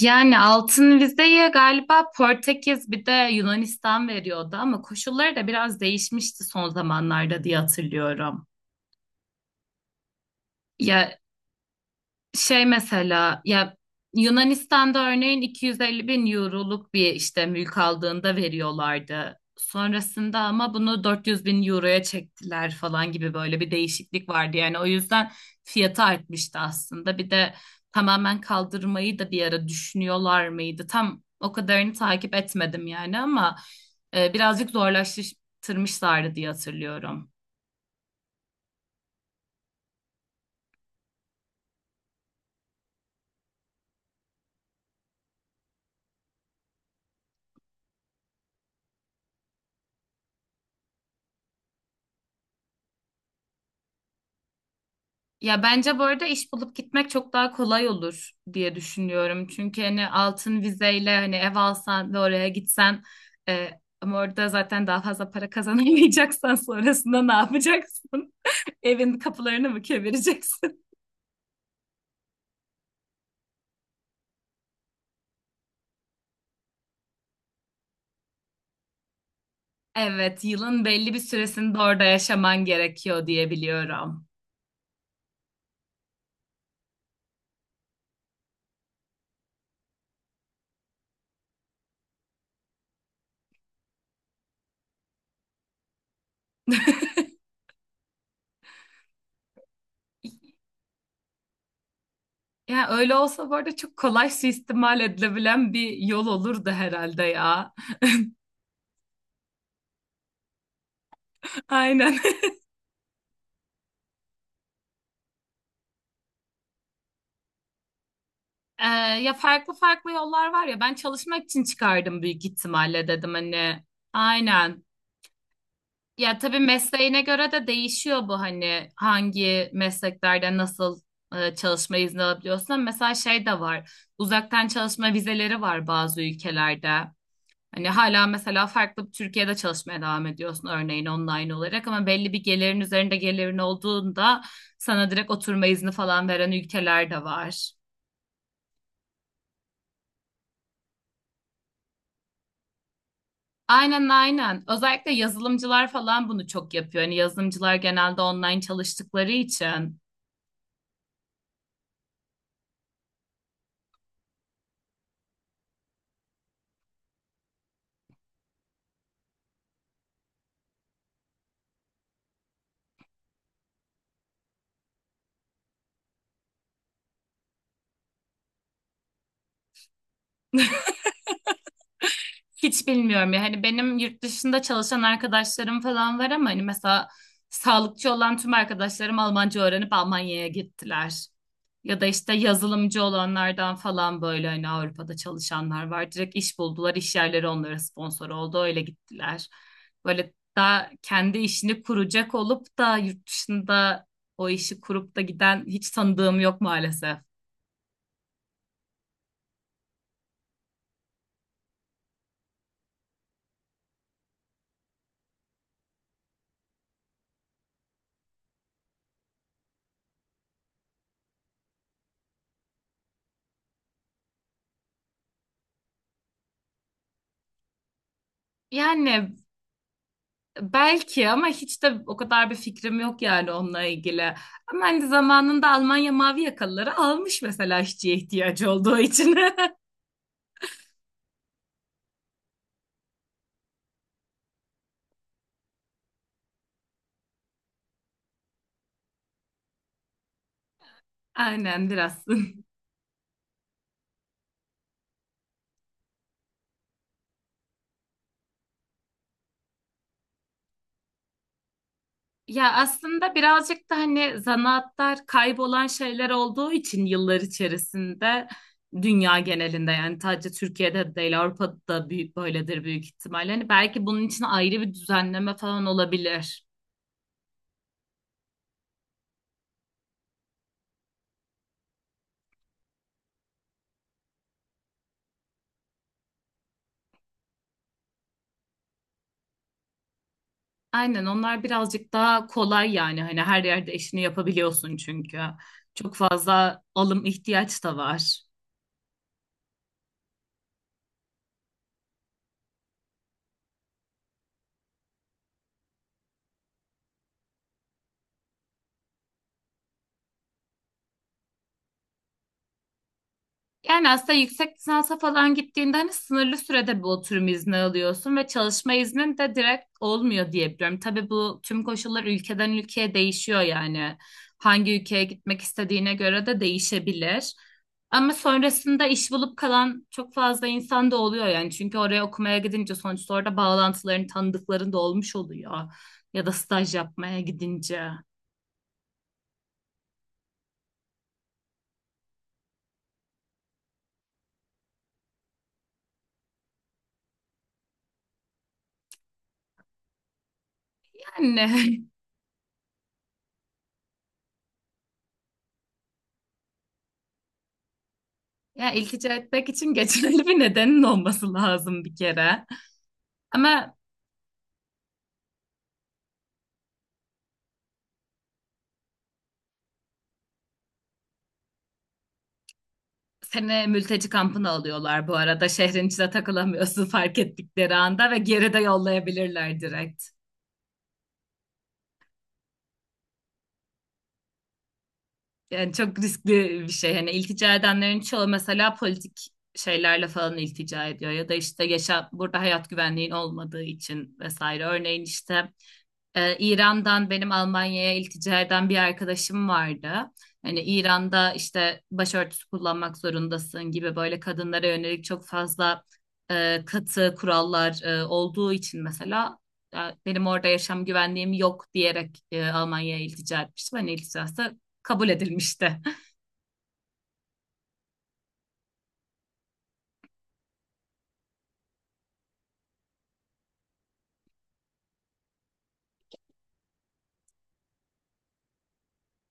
Yani altın vizeye galiba Portekiz bir de Yunanistan veriyordu ama koşulları da biraz değişmişti son zamanlarda diye hatırlıyorum. Ya Şey mesela Yunanistan'da örneğin 250 bin euroluk bir işte mülk aldığında veriyorlardı. Sonrasında ama bunu 400 bin euroya çektiler falan gibi böyle bir değişiklik vardı. Yani o yüzden fiyatı artmıştı aslında. Bir de tamamen kaldırmayı da bir ara düşünüyorlar mıydı? Tam o kadarını takip etmedim yani ama birazcık zorlaştırmışlardı diye hatırlıyorum. Ya bence bu arada iş bulup gitmek çok daha kolay olur diye düşünüyorum. Çünkü hani altın vizeyle hani ev alsan ve oraya gitsen e, ama orada zaten daha fazla para kazanamayacaksan sonrasında ne yapacaksın? Evin kapılarını mı kevireceksin? Evet, yılın belli bir süresinde orada yaşaman gerekiyor diye biliyorum. Ya öyle olsa bu arada çok kolay suistimal edilebilen bir yol olurdu herhalde ya. Aynen. Ee, Ya farklı farklı yollar var ya ben çalışmak için çıkardım büyük ihtimalle dedim hani aynen. Ya tabii mesleğine göre de değişiyor bu hani hangi mesleklerde nasıl çalışma izni alabiliyorsun. Ama mesela şey de var, uzaktan çalışma vizeleri var bazı ülkelerde. Hani hala mesela farklı bir Türkiye'de çalışmaya devam ediyorsun örneğin online olarak ama belli bir gelirin üzerinde gelirin olduğunda sana direkt oturma izni falan veren ülkeler de var. Aynen aynen. Özellikle yazılımcılar falan bunu çok yapıyor. Yani yazılımcılar genelde online çalıştıkları için. Hiç bilmiyorum ya. Hani benim yurt dışında çalışan arkadaşlarım falan var ama hani mesela sağlıkçı olan tüm arkadaşlarım Almanca öğrenip Almanya'ya gittiler. Ya da işte yazılımcı olanlardan falan böyle hani Avrupa'da çalışanlar var. Direkt iş buldular, iş yerleri onlara sponsor oldu, öyle gittiler. Böyle daha kendi işini kuracak olup da yurt dışında o işi kurup da giden hiç tanıdığım yok maalesef. Yani belki ama hiç de o kadar bir fikrim yok yani onunla ilgili. Ama hani zamanında Almanya mavi yakalıları almış mesela işçiye ihtiyacı olduğu için. Aynen biraz. Ya aslında birazcık da hani zanaatlar kaybolan şeyler olduğu için yıllar içerisinde dünya genelinde yani sadece Türkiye'de değil Avrupa'da da büyük, böyledir büyük ihtimalle. Hani belki bunun için ayrı bir düzenleme falan olabilir. Aynen onlar birazcık daha kolay yani hani her yerde işini yapabiliyorsun çünkü. Çok fazla alım ihtiyaç da var. Yani aslında yüksek lisansa falan gittiğinde hani sınırlı sürede bir oturum izni alıyorsun ve çalışma iznin de direkt olmuyor diye biliyorum. Tabii bu tüm koşullar ülkeden ülkeye değişiyor yani. Hangi ülkeye gitmek istediğine göre de değişebilir. Ama sonrasında iş bulup kalan çok fazla insan da oluyor yani. Çünkü oraya okumaya gidince sonuçta orada bağlantıların, tanıdıkların da olmuş oluyor. Ya da staj yapmaya gidince. Yani ya iltica etmek için geçerli bir nedenin olması lazım bir kere. Ama seni mülteci kampına alıyorlar bu arada. Şehrin içine takılamıyorsun fark ettikleri anda ve geri de yollayabilirler direkt. Yani çok riskli bir şey. Hani iltica edenlerin çoğu mesela politik şeylerle falan iltica ediyor ya da işte yaşam burada hayat güvenliğin olmadığı için vesaire. Örneğin işte İran'dan benim Almanya'ya iltica eden bir arkadaşım vardı. Hani İran'da işte başörtüsü kullanmak zorundasın gibi böyle kadınlara yönelik çok fazla katı kurallar olduğu için mesela e, benim orada yaşam güvenliğim yok diyerek Almanya'ya iltica etmiştim. Hani ilticası kabul edilmişti.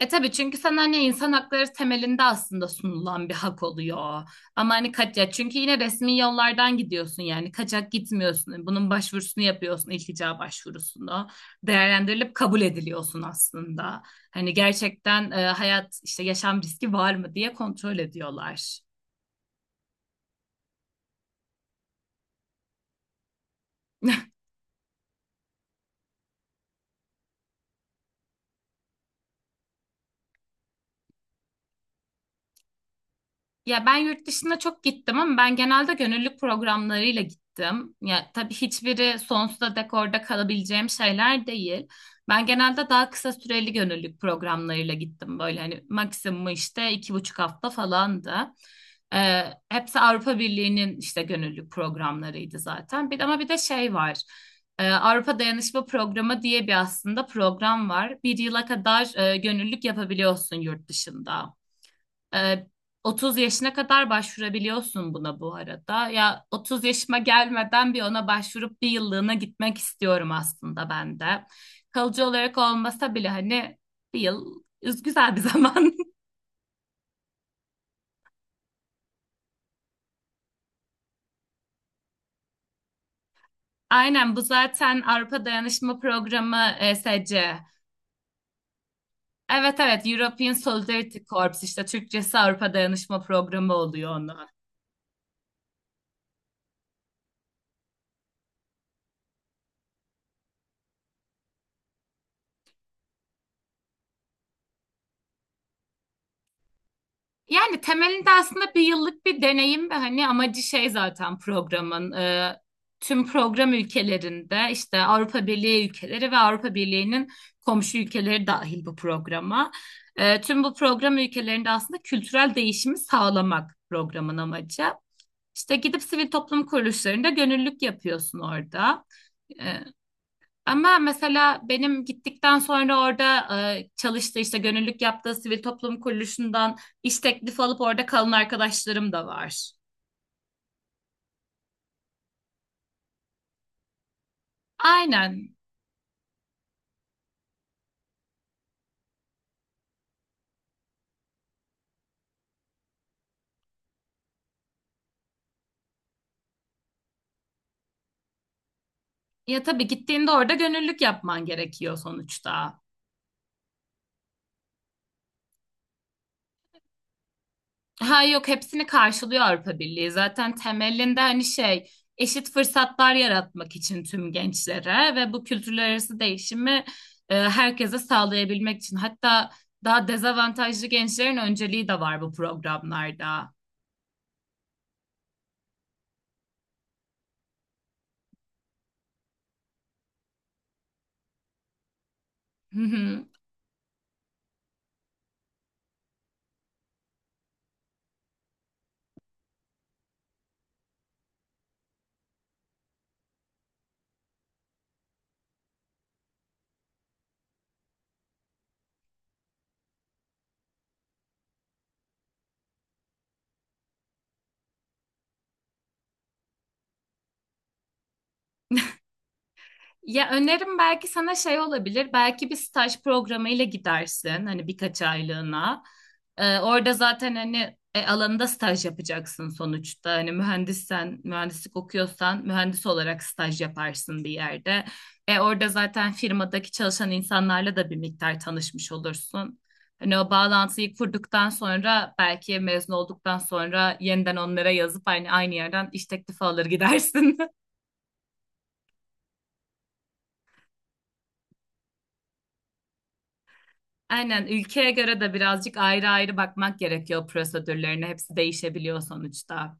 E tabii çünkü sana hani insan hakları temelinde aslında sunulan bir hak oluyor. Ama hani kaçak, çünkü yine resmi yollardan gidiyorsun, yani kaçak gitmiyorsun. Bunun başvurusunu yapıyorsun, iltica başvurusunu. Değerlendirilip kabul ediliyorsun aslında. Hani gerçekten hayat işte yaşam riski var mı diye kontrol ediyorlar. Ya ben yurt dışına çok gittim ama ben genelde gönüllülük programlarıyla gittim. Ya tabii hiçbiri sonsuza dek orada kalabileceğim şeyler değil. Ben genelde daha kısa süreli gönüllülük programlarıyla gittim. Böyle hani maksimum işte iki buçuk hafta falandı. Ee, Hepsi Avrupa Birliği'nin işte gönüllülük programlarıydı zaten. Bir, ama bir de şey var. Avrupa Dayanışma Programı diye bir aslında program var. Bir yıla kadar gönüllülük yapabiliyorsun yurt dışında. Ee, 30 yaşına kadar başvurabiliyorsun buna bu arada. Ya 30 yaşıma gelmeden bir ona başvurup bir yıllığına gitmek istiyorum aslında ben de. Kalıcı olarak olmasa bile hani bir yıl güzel bir zaman. Aynen bu zaten Avrupa Dayanışma Programı, ESC. Evet evet, European Solidarity Corps, işte Türkçesi Avrupa Dayanışma Programı oluyor onun. Yani temelinde aslında bir yıllık bir deneyim ve hani amacı şey zaten programın, tüm program ülkelerinde işte Avrupa Birliği ülkeleri ve Avrupa Birliği'nin komşu ülkeleri dahil bu programa. E, tüm bu program ülkelerinde aslında kültürel değişimi sağlamak programın amacı. İşte gidip sivil toplum kuruluşlarında gönüllülük yapıyorsun orada. E, Ama mesela benim gittikten sonra orada çalıştığı işte gönüllülük yaptığı sivil toplum kuruluşundan iş teklifi alıp orada kalan arkadaşlarım da var. Aynen. Ya tabii gittiğinde orada gönüllülük yapman gerekiyor sonuçta. Ha yok, hepsini karşılıyor Avrupa Birliği. Zaten temelinde hani şey, eşit fırsatlar yaratmak için tüm gençlere ve bu kültürler arası değişimi herkese sağlayabilmek için. Hatta daha dezavantajlı gençlerin önceliği de var bu programlarda. Hı hı. Ya önerim belki sana şey olabilir. Belki bir staj programıyla gidersin. Hani birkaç aylığına. Orada zaten hani alanında staj yapacaksın sonuçta. Hani mühendissen, mühendislik okuyorsan mühendis olarak staj yaparsın bir yerde. Orada zaten firmadaki çalışan insanlarla da bir miktar tanışmış olursun. Hani o bağlantıyı kurduktan sonra belki mezun olduktan sonra yeniden onlara yazıp aynı yerden iş teklifi alır gidersin. Aynen ülkeye göre de birazcık ayrı ayrı bakmak gerekiyor prosedürlerine. Hepsi değişebiliyor sonuçta.